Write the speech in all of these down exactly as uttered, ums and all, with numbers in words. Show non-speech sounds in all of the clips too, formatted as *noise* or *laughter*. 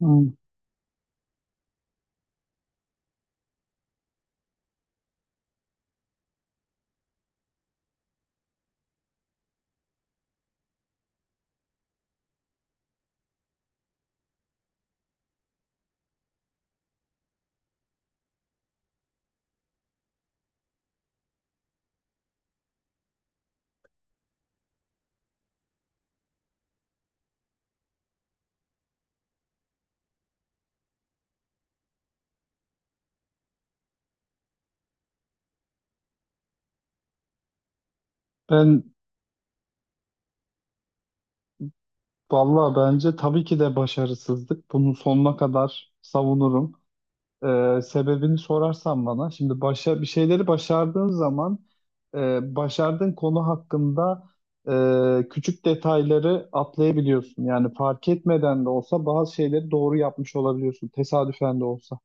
Hmm. Ben valla bence tabii ki de başarısızlık. Bunu sonuna kadar savunurum. Ee, sebebini sorarsan bana, şimdi başa, bir şeyleri başardığın zaman e, başardığın konu hakkında e, küçük detayları atlayabiliyorsun. Yani fark etmeden de olsa bazı şeyleri doğru yapmış olabiliyorsun, tesadüfen de olsa.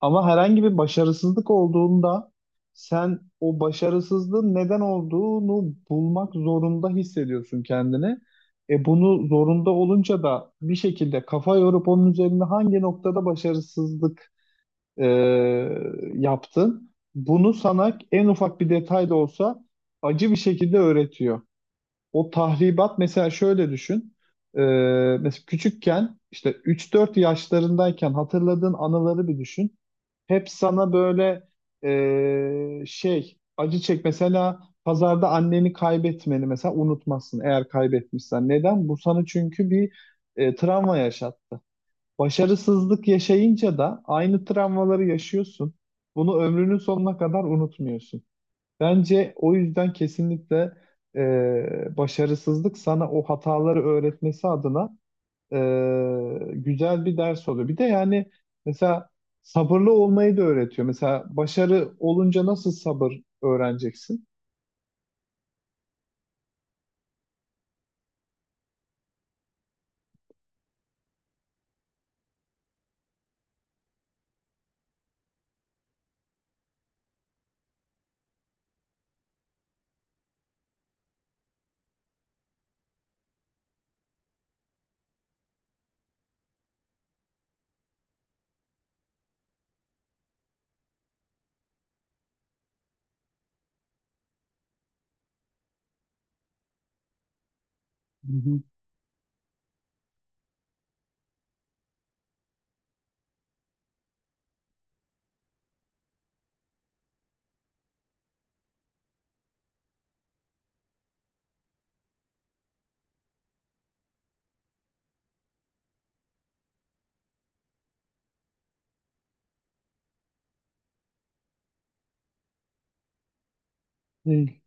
Ama herhangi bir başarısızlık olduğunda sen o başarısızlığın neden olduğunu bulmak zorunda hissediyorsun kendini. E bunu zorunda olunca da bir şekilde kafa yorup onun üzerinde hangi noktada başarısızlık e, yaptın, bunu sana en ufak bir detay da olsa acı bir şekilde öğretiyor. O tahribat mesela şöyle düşün. E, mesela küçükken işte üç dört yaşlarındayken hatırladığın anıları bir düşün hep sana böyle e, şey acı çek. Mesela pazarda anneni kaybetmeni mesela unutmazsın eğer kaybetmişsen. Neden? Bu sana çünkü bir e, travma yaşattı. Başarısızlık yaşayınca da aynı travmaları yaşıyorsun. Bunu ömrünün sonuna kadar unutmuyorsun. Bence o yüzden kesinlikle e, başarısızlık sana o hataları öğretmesi adına e, güzel bir ders oluyor. Bir de yani mesela sabırlı olmayı da öğretiyor. Mesela başarı olunca nasıl sabır öğreneceksin? Hı hı, değil.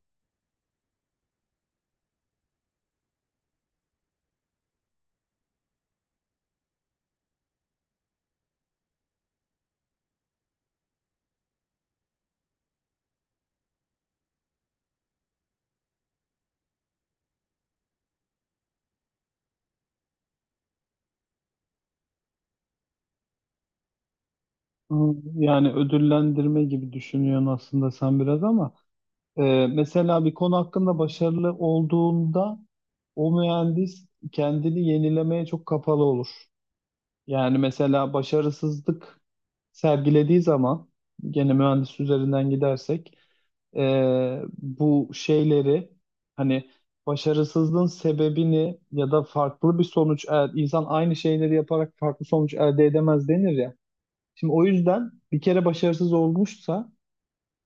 Ama yani ödüllendirme gibi düşünüyorsun aslında sen biraz ama e, mesela bir konu hakkında başarılı olduğunda o mühendis kendini yenilemeye çok kapalı olur. Yani mesela başarısızlık sergilediği zaman gene mühendis üzerinden gidersek e, bu şeyleri hani başarısızlığın sebebini ya da farklı bir sonuç el- insan aynı şeyleri yaparak farklı sonuç elde edemez denir ya. Şimdi o yüzden bir kere başarısız olmuşsa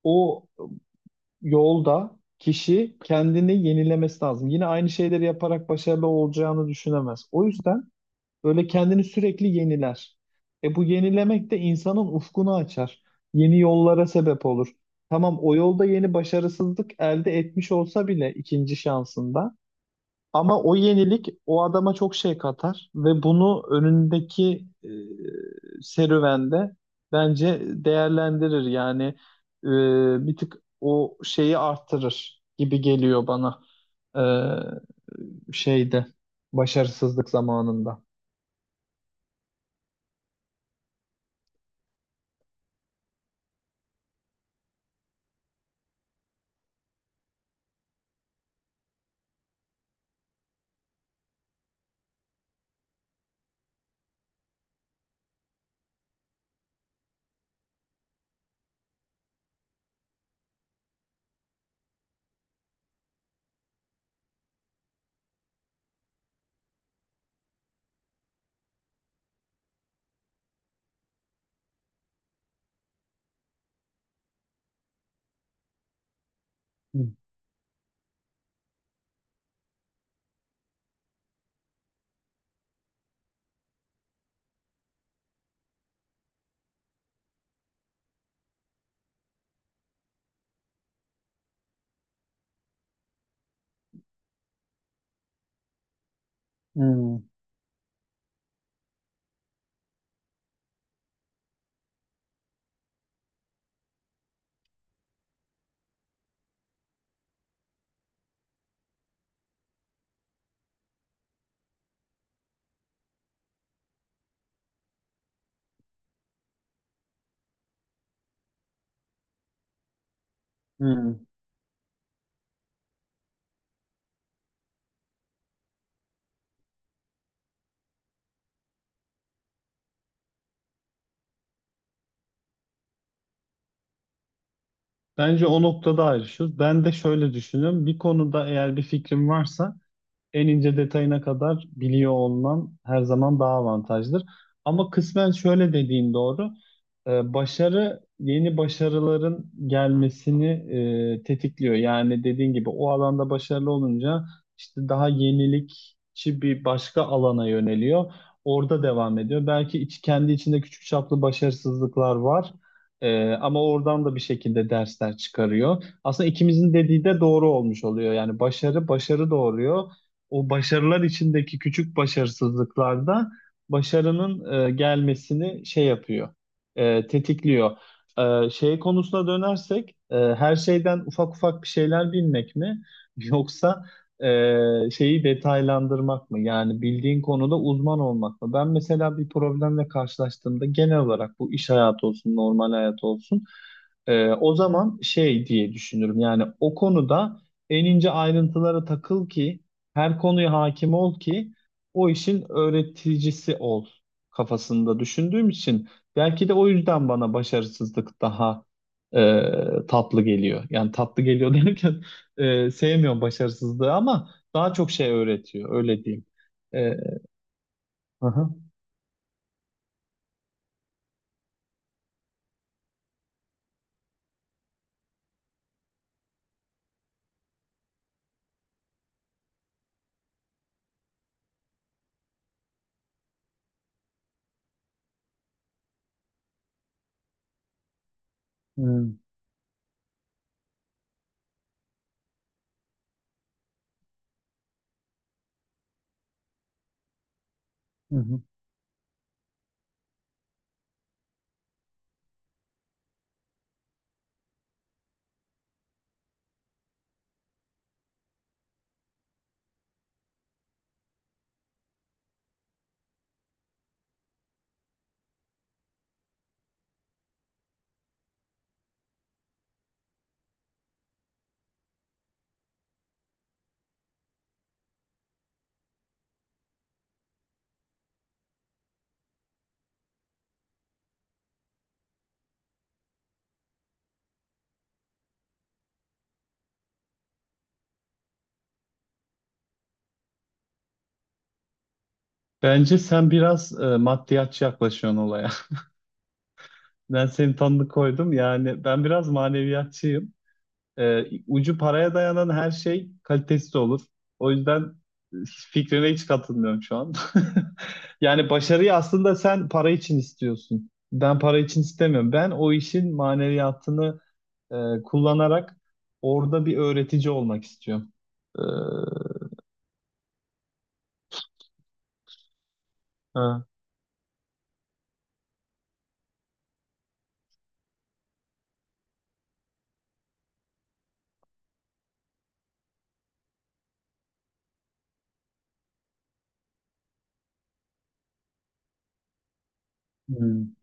o yolda kişi kendini yenilemesi lazım. Yine aynı şeyleri yaparak başarılı olacağını düşünemez. O yüzden böyle kendini sürekli yeniler. E bu yenilemek de insanın ufkunu açar. Yeni yollara sebep olur. Tamam o yolda yeni başarısızlık elde etmiş olsa bile ikinci şansında. Ama o yenilik o adama çok şey katar ve bunu önündeki e, serüvende bence değerlendirir. Yani e, bir tık o şeyi arttırır gibi geliyor bana, e, şeyde başarısızlık zamanında. Hı. Hmm. Hmm. Bence o noktada ayrışıyoruz. Ben de şöyle düşünüyorum. Bir konuda eğer bir fikrim varsa en ince detayına kadar biliyor olman her zaman daha avantajdır. Ama kısmen şöyle dediğin doğru. Ee, başarı yeni başarıların gelmesini e, tetikliyor. Yani dediğin gibi o alanda başarılı olunca işte daha yenilikçi bir başka alana yöneliyor. Orada devam ediyor. Belki iç, kendi içinde küçük çaplı başarısızlıklar var. Ee, ama oradan da bir şekilde dersler çıkarıyor. Aslında ikimizin dediği de doğru olmuş oluyor. Yani başarı başarı doğuruyor, o başarılar içindeki küçük başarısızlıklarda başarının e, gelmesini şey yapıyor, e, tetikliyor. E, şey konusuna dönersek, e, her şeyden ufak ufak bir şeyler bilmek mi, *laughs* yoksa e, şeyi detaylandırmak mı? Yani bildiğin konuda uzman olmak mı? Ben mesela bir problemle karşılaştığımda genel olarak bu iş hayatı olsun, normal hayat olsun, e, o zaman şey diye düşünürüm. Yani o konuda en ince ayrıntılara takıl ki her konuya hakim ol ki o işin öğreticisi ol kafasında düşündüğüm için belki de o yüzden bana başarısızlık daha e, tatlı geliyor. Yani tatlı geliyor *laughs* derken e, sevmiyorum başarısızlığı ama daha çok şey öğretiyor öyle diyeyim. E, aha, hı, hı hı. Bence sen biraz e, maddiyatçı yaklaşıyorsun olaya. *laughs* Ben seni tanıdık koydum yani ben biraz maneviyatçıyım. Ee, ucu paraya dayanan her şey kalitesiz olur. O yüzden fikrine hiç katılmıyorum şu an. *laughs* Yani başarıyı aslında sen para için istiyorsun. Ben para için istemiyorum. Ben o işin maneviyatını e, kullanarak orada bir öğretici olmak istiyorum. Ee, ha. Hmm,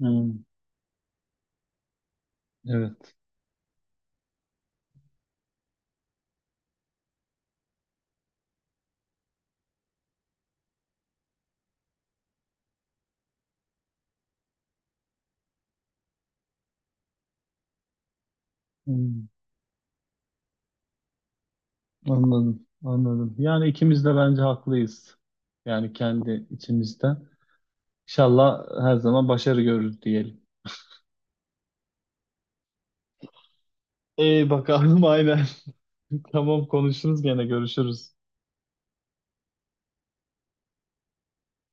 hmm. Evet. Hmm, anladım. Anladım. Yani ikimiz de bence haklıyız. Yani kendi içimizde. İnşallah her zaman başarı görürüz diyelim. İyi bakalım, *laughs* aynen. Tamam konuşuruz gene görüşürüz.